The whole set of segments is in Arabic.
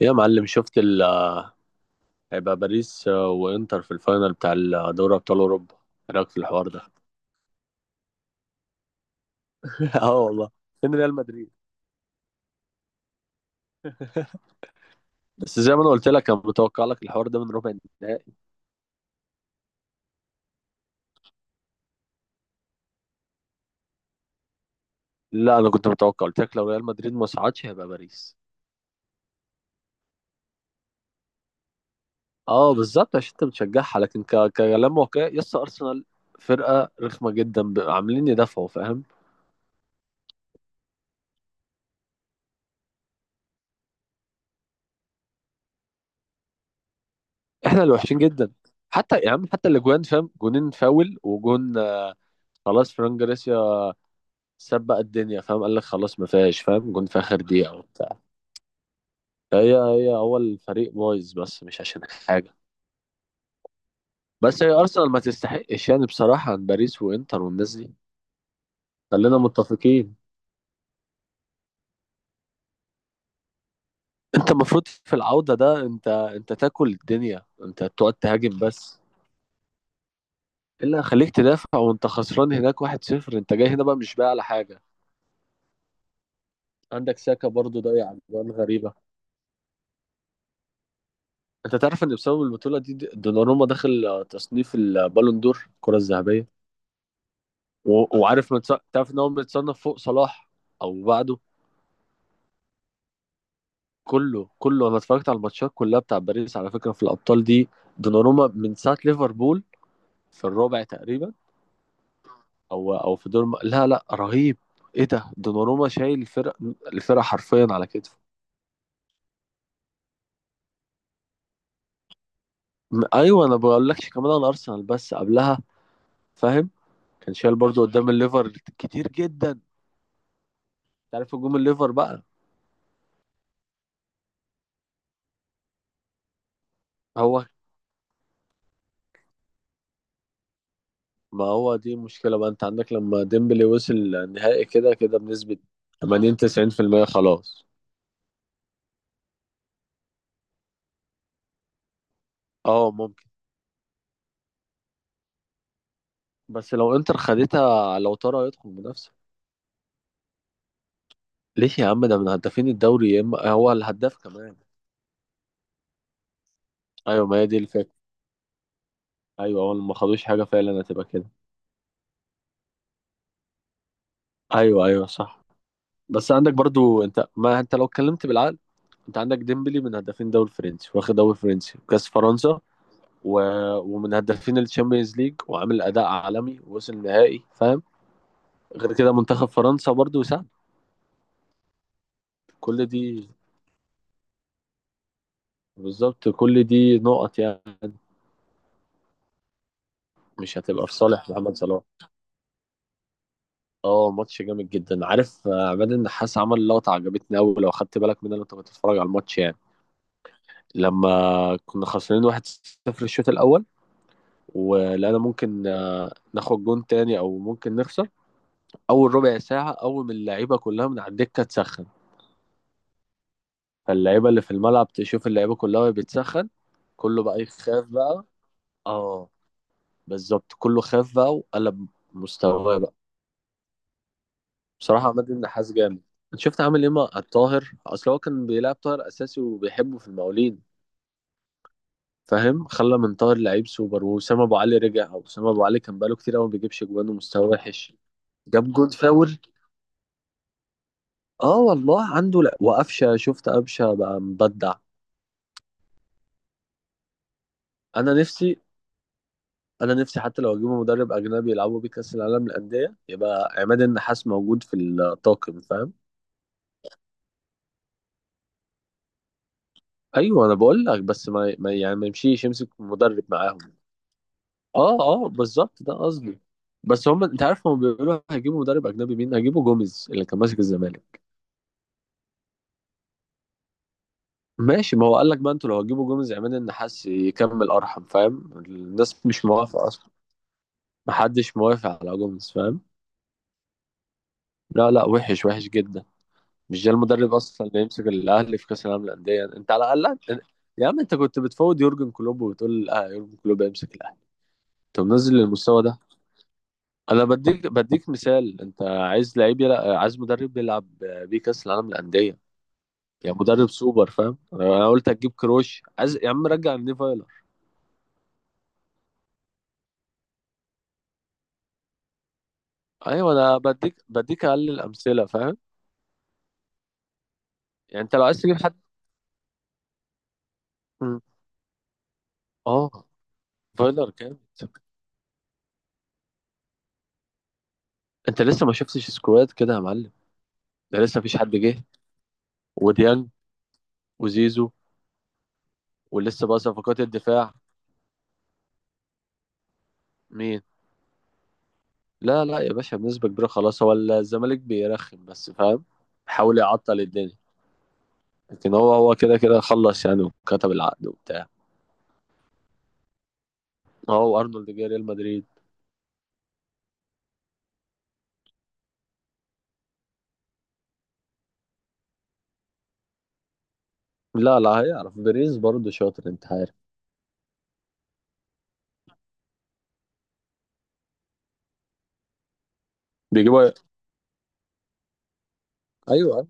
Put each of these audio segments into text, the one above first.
يا معلم شفت ال آه، هيبقى باريس وانتر في الفاينل بتاع دوري ابطال اوروبا. ايه رايك في الحوار ده؟ اه والله، فين ريال مدريد؟ بس زي ما انا قلت لك انا متوقع لك الحوار ده من ربع النهائي. لا انا كنت متوقع، قلت لك لو ريال مدريد ما صعدش هيبقى باريس. اه بالظبط عشان انت بتشجعها، لكن كلام واقعي يس ارسنال فرقه رخمه جدا، عاملين يدافعوا فاهم. احنا اللي وحشين جدا، حتى يا عم حتى الاجوان فاهم، جونين فاول وجون خلاص فران جاريس سبق الدنيا فاهم، قال لك خلاص ما فيهاش فاهم، جون في اخر دقيقه وبتاع. هي هي هو الفريق بايظ بس مش عشان حاجه. بس هي ارسنال ما تستحقش يعني بصراحه عن باريس وانتر والناس دي. خلينا متفقين. انت المفروض في العوده ده انت تاكل الدنيا، انت تقعد تهاجم بس. الا خليك تدافع وانت خسران هناك 1-0، انت جاي هنا بقى مش بقى على حاجه. عندك ساكا برضو ضيع اجوان غريبه. انت تعرف ان بسبب البطوله دي دوناروما داخل تصنيف البالون دور الكره الذهبيه؟ و... وعارف متص... تعرف ان هو متصنف فوق صلاح او بعده. كله انا اتفرجت على الماتشات كلها بتاع باريس على فكره في الابطال دي. دوناروما من ساعه ليفربول في الرابع تقريبا. او او في دور لا لا رهيب. ايه ده، دوناروما شايل الفرق، الفرقه حرفيا على كتفه. ايوه انا بقول لكش كمان على ارسنال بس قبلها فاهم، كان شايل برضو قدام الليفر كتير جدا. تعرف هجوم الليفر بقى. هو ما هو دي مشكلة بقى، انت عندك لما ديمبلي وصل النهائي كده كده بنسبة 80 90% خلاص. اه ممكن. بس لو انتر خدتها لو ترى يدخل منافسة. ليه يا عم؟ ده من هدافين الدوري، يا اما هو الهداف كمان. ايوه ما هي دي الفكرة. ايوه هو ما خدوش حاجة فعلا، هتبقى كده. ايوه ايوه صح. بس عندك برضو انت، ما انت لو اتكلمت بالعقل، انت عندك ديمبلي من هدافين دوري فرنسي واخد دوري فرنسي وكاس فرنسا و... ومن هدافين الشامبيونز ليج وعامل اداء عالمي ووصل نهائي فاهم. غير كده منتخب فرنسا برضو ساعد. كل دي، بالظبط كل دي نقط يعني، مش هتبقى في صالح محمد صلاح. اه ماتش جامد جدا، عارف عماد النحاس عمل لقطة عجبتني أوي لو خدت بالك منها لو انت بتتفرج على الماتش يعني. لما كنا خسرانين 1-0 الشوط الأول، ولقينا ممكن ناخد جون تاني أو ممكن نخسر، أول ربع ساعة أول ما اللعيبة كلها من على الدكة تسخن، فاللعيبة اللي في الملعب تشوف اللعيبة كلها وهي بتسخن كله بقى يخاف بقى. اه بالظبط كله خاف بقى وقلب مستواه بقى. بصراحة عماد النحاس جامد. انت شفت عامل ايه مع الطاهر؟ اصل هو كان بيلعب طاهر اساسي وبيحبه في المقاولين فاهم، خلى من طاهر لعيب سوبر. واسامة ابو علي رجع، او اسامة ابو علي كان بقاله كتير قوي ما بيجيبش جوان ومستواه وحش، جاب جون فاول. اه والله عنده، لا وقفشه شفت قفشه بقى مبدع. انا نفسي انا نفسي حتى لو اجيبه مدرب اجنبي يلعبوا بيه كاس العالم للانديه يبقى عماد النحاس موجود في الطاقم فاهم. ايوه انا بقول لك بس ما يعني ما يمشيش، يمسك مدرب معاهم. اه اه بالظبط ده قصدي. بس هم انت عارف هم بيقولوا هيجيبوا مدرب اجنبي، مين هيجيبوا؟ جوميز اللي كان ماسك الزمالك. ماشي ما هو قال لك بقى، انتوا لو هتجيبوا جوميز عماد النحاس يكمل ارحم فاهم، الناس مش موافقه اصلا، محدش موافق على جوميز فاهم. لا لا وحش وحش جدا. مش ده المدرب اصلا اللي يمسك الاهلي في كاس العالم للانديه انت على الاقل. يا عم انت كنت بتفوض يورجن كلوب وبتقول اه يورجن كلوب يمسك الاهلي، انت منزل للمستوى ده. انا بديك مثال، انت عايز لعيب يلعب، عايز مدرب يلعب بيه كاس العالم للانديه يعني مدرب سوبر فاهم. انا قلت هتجيب كروش، عايز يا عم رجع النيفايلر. ايوه انا بديك اقل الامثله فاهم. يعني انت لو عايز تجيب حد. مم. اه فايلر كام؟ انت لسه ما شفتش سكواد كده يا معلم، ده لسه مفيش حد جه. وديانج وزيزو. ولسه بقى صفقات الدفاع. مين؟ لا لا يا باشا بنسبه كبيره خلاص، هو الزمالك بيرخم بس فاهم، حاول يعطل الدنيا. لكن هو كده كده خلص يعني وكتب العقد وبتاع. هو ارنولد جه ريال مدريد. لا لا هيعرف بيريز برضه شاطر انت عارف. بيجيبوا ايوه ايوه.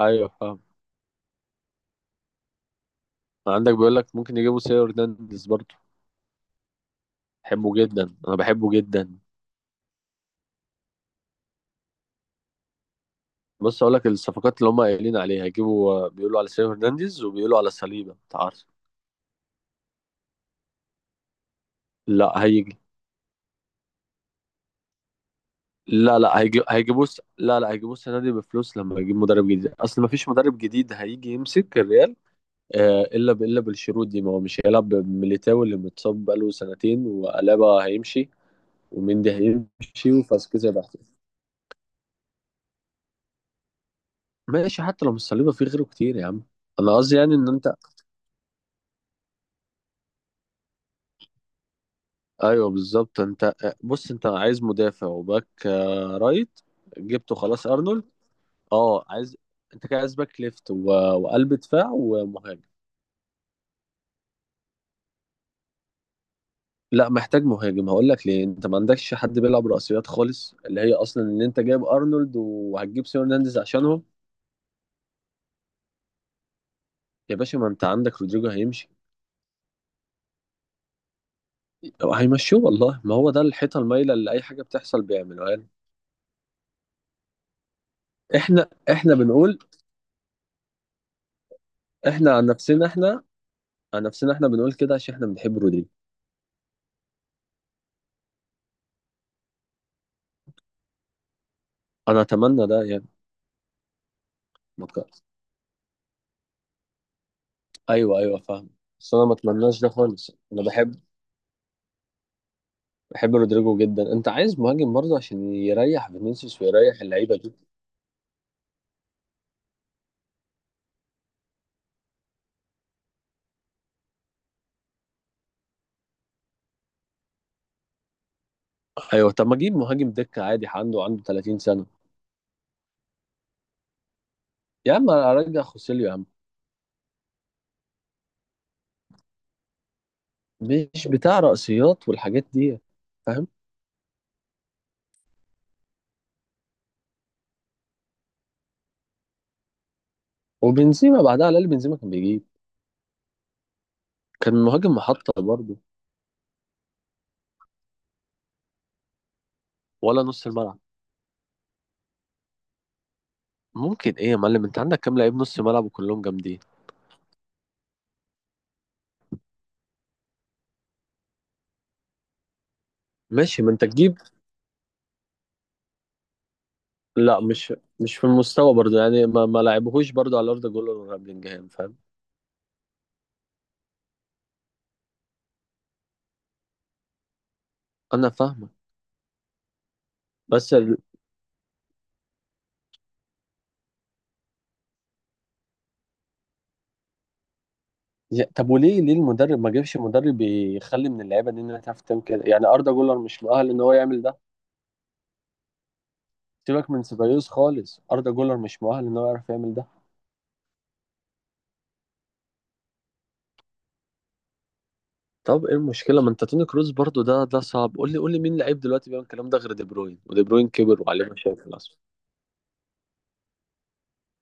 أيوه، فاهم. عندك بيقول لك ممكن يجيبوا سيو هرنانديز برضه. بحبه جدا، انا بحبه جدا. بص اقول لك الصفقات اللي هم قايلين عليها، هيجيبوا بيقولوا على سيو هرنانديز وبيقولوا على صليبه انت عارف. لا هيجي. لا لا هيجي هيجيبوه لا لا هيجيبوه السنه دي بفلوس لما يجيب مدرب جديد، اصل ما فيش مدرب جديد هيجي يمسك الريال الا الا بالشروط دي، ما هو مش هيلعب بميليتاو اللي متصاب بقاله سنتين، والابا هيمشي ومندي هيمشي وفاسكيز هيبقى احتياط. ماشي حتى لو مش صليبه في غيره كتير يا عم. انا قصدي يعني ان انت. ايوه بالظبط، انت بص انت عايز مدافع وباك رايت جبته خلاص ارنولد. اه عايز. انت كده عايز باك ليفت وقلب دفاع ومهاجم. لا محتاج مهاجم، هقول لك ليه، انت ما عندكش حد بيلعب رأسيات خالص اللي هي اصلا ان انت جايب ارنولد وهتجيب سيرو هرنانديز عشانهم. يا باشا ما انت عندك رودريجو هيمشي، او هيمشوه والله، ما هو ده الحيطه المايله اللي اي حاجه بتحصل بيعملوها لنا. احنا احنا بنقول احنا عن نفسنا احنا عن نفسنا احنا بنقول كده عشان احنا بنحب رودريجو. انا اتمنى ده يعني. ما تك- ايوه ايوه فاهم. بس انا ما اتمناش ده خالص، انا بحب رودريجو جدا. انت عايز مهاجم برضه عشان يريح فينيسيوس ويريح اللعيبه دي. ايوه طب ما اجيب مهاجم دكه عادي، عنده 30 سنه. يا عم ارجع خوسيليو يا عم، مش بتاع رأسيات والحاجات دي. وبنزيما بعدها على الاقل بنزيما كان بيجيب، كان مهاجم محطة برضه. ولا نص الملعب. ممكن ايه يا معلم، انت عندك كام لعيب نص ملعب وكلهم جامدين. ماشي ما انت تجيب. لا مش في المستوى برضه يعني ما لعبهوش برضه على ارض جولر ولا بلينجهام فاهم. انا فاهمك. بس ال... طب وليه المدرب ما جابش مدرب يخلي من اللعيبه دي انها تعرف تعمل كده؟ يعني اردا جولر مش مؤهل ان هو يعمل ده. سيبك من سيبايوس خالص، اردا جولر مش مؤهل ان هو يعرف يعمل ده. طب ايه المشكله، ما انت توني كروز برضو ده صعب، قول لي مين لعيب دلوقتي بيعمل الكلام ده غير دي بروين ودي بروين كبر وعليه مشاكل اصلا.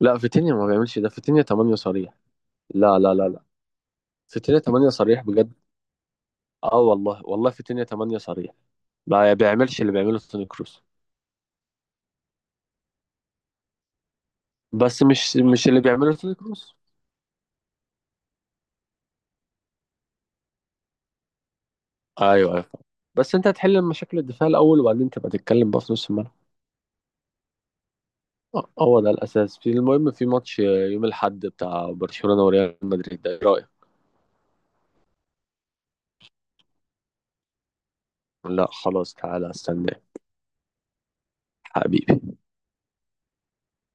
لا فيتينيا ما بيعملش ده، فيتينيا 8 صريح. لا فيتينيا 8 صريح بجد. اه والله والله فيتينيا 8 صريح، ما بيعملش اللي بيعمله توني كروز. بس مش اللي بيعمله توني كروز. ايوه ايوه فاهم. بس انت هتحل مشاكل الدفاع الاول وبعدين تبقى تتكلم بقى في نص الملعب. اه، هو ده الاساس، في المهم في ماتش يوم الاحد بتاع برشلونه وريال مدريد ده ايه رايك؟ لا خلاص تعالى استنى حبيبي.